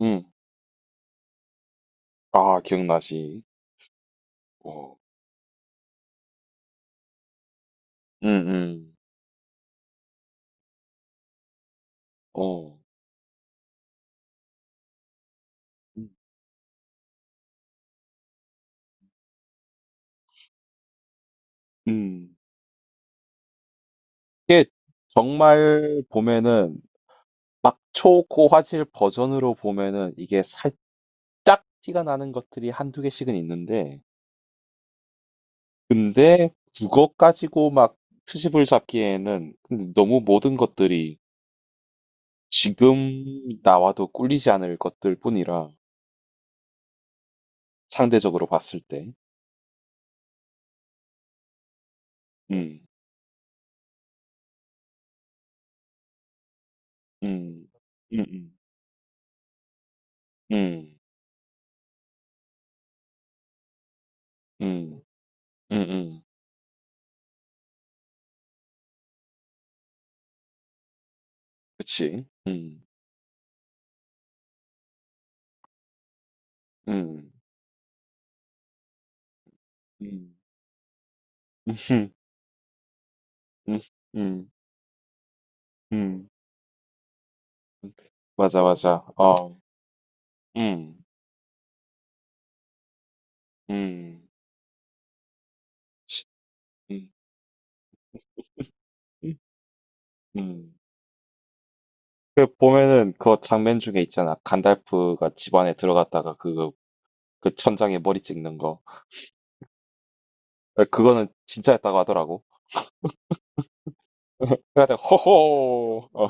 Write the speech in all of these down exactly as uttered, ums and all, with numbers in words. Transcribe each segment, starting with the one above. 음. 아, 기억나지. 어. 음, 음. 어. 음. 음. 정말 보면은 초고 화질 버전으로 보면은 이게 살짝 티가 나는 것들이 한두 개씩은 있는데, 근데 그거 가지고 막 트집을 잡기에는 근데 너무 모든 것들이 지금 나와도 꿀리지 않을 것들 뿐이라, 상대적으로 봤을 때. 음. 음. 음. 음. 음. 음. 음. 음. 그치. 음. 음. 음. 음 음. 음. 음. 맞아, 맞아. 어. 음. 음. 치- 음. 음. 음. 그 보면은 그 장면 중에 있잖아. 간달프가 집 안에 들어갔다가 그, 그 천장에 머리 찍는 거. 그거는 진짜였다고 하더라고. 그래서 호호, 어,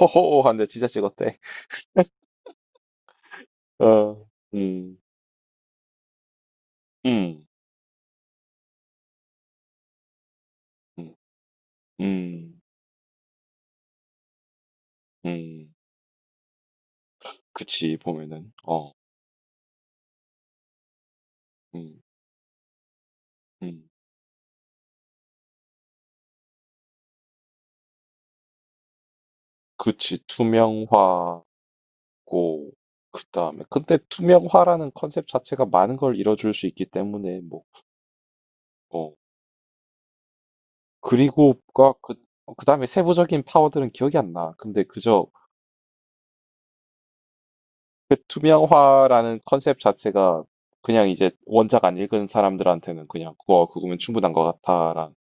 호호 하는데 진짜 찍었대. 어. 음. 음. 음. 음. 음. 그치 보면은. 어. 음. 음. 그치 투명화. 고 그다음에 근데 투명화라는 컨셉 자체가 많은 걸 이뤄줄 수 있기 때문에 뭐 어, 그리고가 그 어, 그다음에 세부적인 파워들은 기억이 안 나. 근데 그저 그 투명화라는 컨셉 자체가 그냥 이제 원작 안 읽은 사람들한테는 그냥 그거 그거면 충분한 것 같아라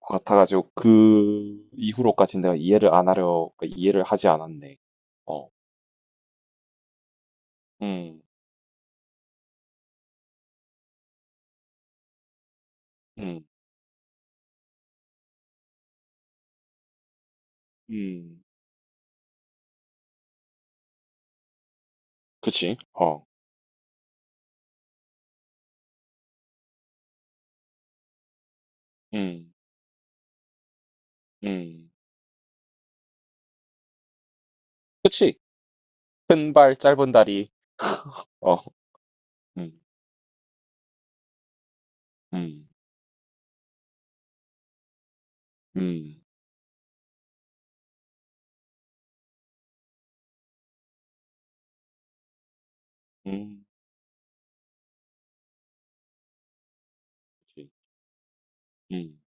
것 같아가지고 그 이후로까지 내가 이해를 안 하려 그러니까 이해를 하지 않았네. 어, 음, 음, 음, 그치? 어, 음, 음, 그치? 큰 발, 짧은 다리. 어. 음. 음. 음. 음. 그치. 음.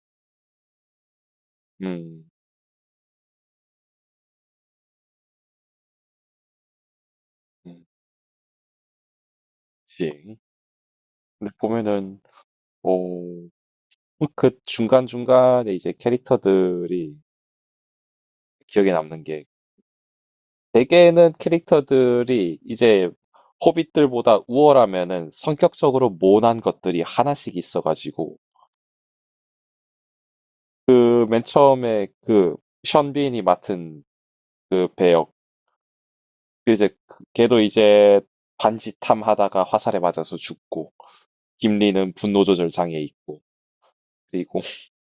음. 음. 그치. 근데 보면은 어 그 중간중간에 이제 캐릭터들이 기억에 남는 게, 대개는 캐릭터들이 이제 호빗들보다 우월하면은 성격적으로 모난 것들이 하나씩 있어가지고, 그 맨 처음에 그 션빈이 맡은 그 배역, 이제 그 걔도 이제 반지탐 하다가 화살에 맞아서 죽고, 김리는 분노 조절 장애 있고, 그리고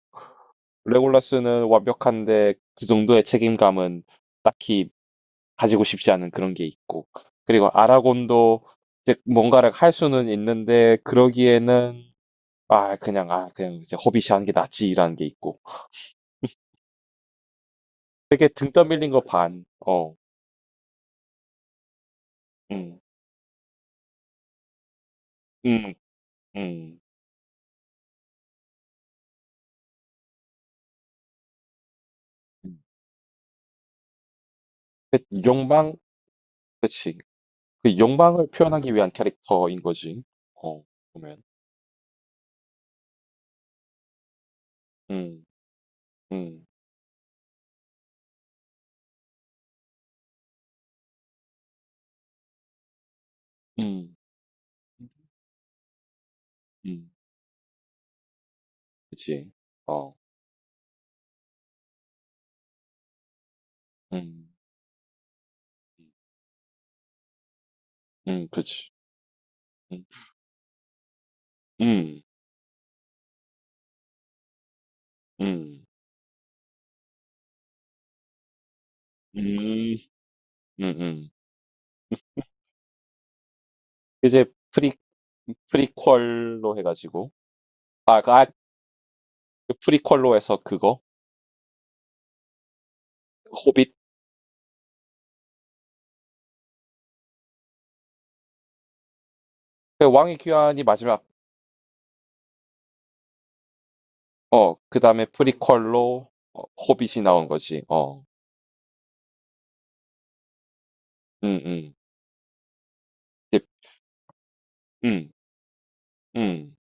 레골라스는 완벽한데 그 정도의 책임감은 딱히 가지고 싶지 않은 그런 게 있고, 그리고 아라곤도 이제 뭔가를 할 수는 있는데 그러기에는 아 그냥 아 그냥 이제 허비시 하는 게 낫지라는 게 있고, 되게 등 떠밀린 거 반. 어. 음. 음. 음. 그 욕망. 그치. 그 욕망을 표현하기 위한 캐릭터인 거지. 어. 보면. 음. 음. 음. 음. 그치. 어. 음. 음, 그치. 음. 음. 음. 음. 음음. 이제 프리 프리퀄로 해 가지고, 아, 그, 아, 그 프리퀄로 해서 그거 호빗. 그 왕의 귀환이 마지막. 어, 그다음에 프리퀄로, 어, 호빗이 나온 거지. 어. 음, 음. 이제 음. 음.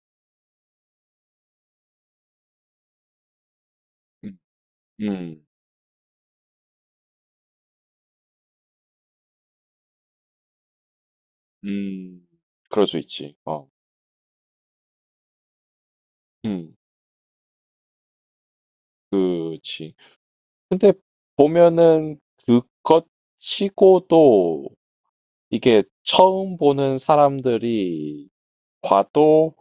음. 음. 음. 그럴 수 있지. 어. 음. 그치. 근데 보면은 그것 치고도 이게 처음 보는 사람들이 봐도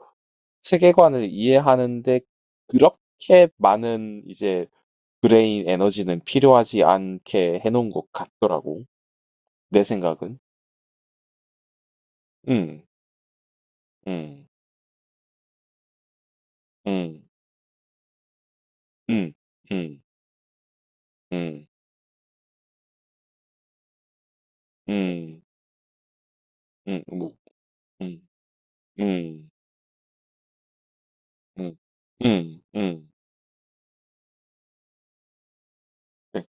세계관을 이해하는데 그렇게 많은 이제 브레인 에너지는 필요하지 않게 해놓은 것 같더라고. 내 생각은. 응, 응, 응, 응, 응, 응, 응, 응 뭐, 응, 응, 응, 응. 응. 네.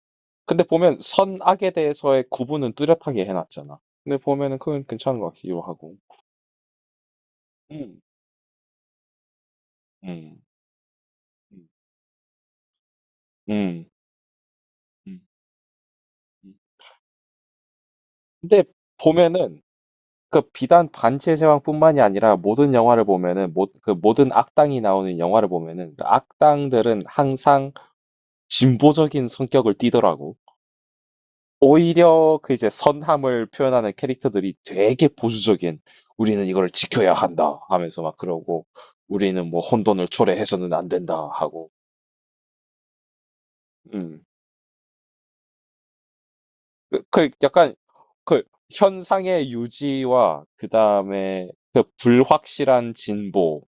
근데 보면 선악에 대해서의 구분은 뚜렷하게 해놨잖아. 근데 보면은 그건 괜찮은 것 같기도 하고. 응응 응. 음, 음, 음. 근데 보면은 그 비단 반지의 제왕뿐만이 아니라 모든 영화를 보면은, 모, 그 모든 악당이 나오는 영화를 보면은 그 악당들은 항상 진보적인 성격을 띠더라고. 오히려 그 이제 선함을 표현하는 캐릭터들이 되게 보수적인, 우리는 이걸 지켜야 한다 하면서 막 그러고, 우리는 뭐 혼돈을 초래해서는 안 된다 하고. 음. 그, 그 약간 그 현상의 유지와 그다음에 그 불확실한 진보의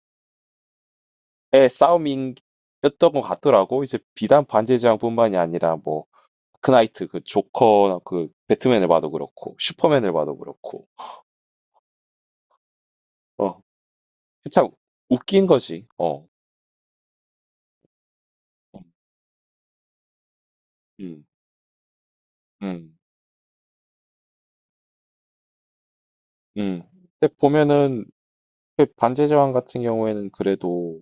싸움이었던 것 같더라고. 이제 비단 반지의제왕뿐만이 아니라 뭐 크나이트 그 조커 그 배트맨을 봐도 그렇고 슈퍼맨을 봐도 그렇고 어참 웃긴 거지. 어. 음. 음. 음. 근데 보면은 그 반지의제왕 같은 경우에는 그래도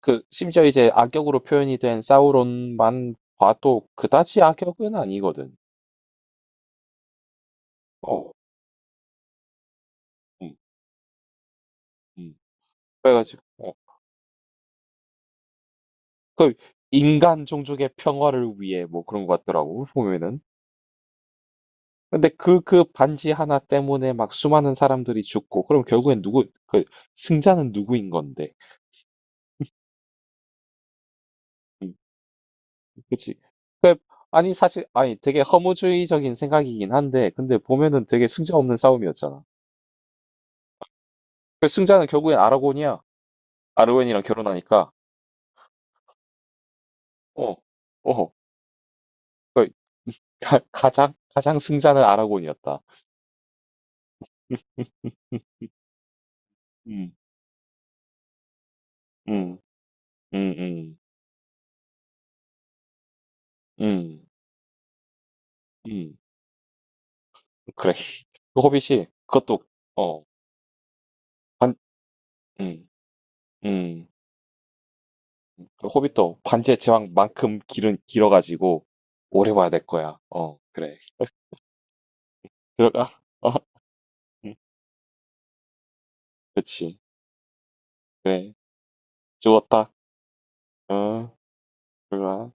그 심지어 이제 악역으로 표현이 된 사우론만 봐도 그다지 악역은 아니거든. 어. 음. 음. 그래가지고 어. 그 인간 종족의 평화를 위해 뭐 그런 것 같더라고 보면은. 근데 그 그 반지 하나 때문에 막 수많은 사람들이 죽고 그럼 결국엔 누구, 그 승자는 누구인 건데? 음, 그치? 그 아니 사실 아니 되게 허무주의적인 생각이긴 한데 근데 보면은 되게 승자 없는 싸움이었잖아. 그 승자는 결국엔 아라곤이야. 아르웬이랑 결혼하니까. 어, 어, 그 가, 가장 가장 승자는 아라곤이었다. 음, 음, 음, 음, 음. 음. 음, 그래. 그 호빗이 그것도 어, 반, 음, 음, 그 호빗도 반지의 제왕만큼 길은 길어가지고 오래 봐야 될 거야. 어, 그래. 들어가. 어, 음, 그치. 그래. 죽었다. 어, 들어가.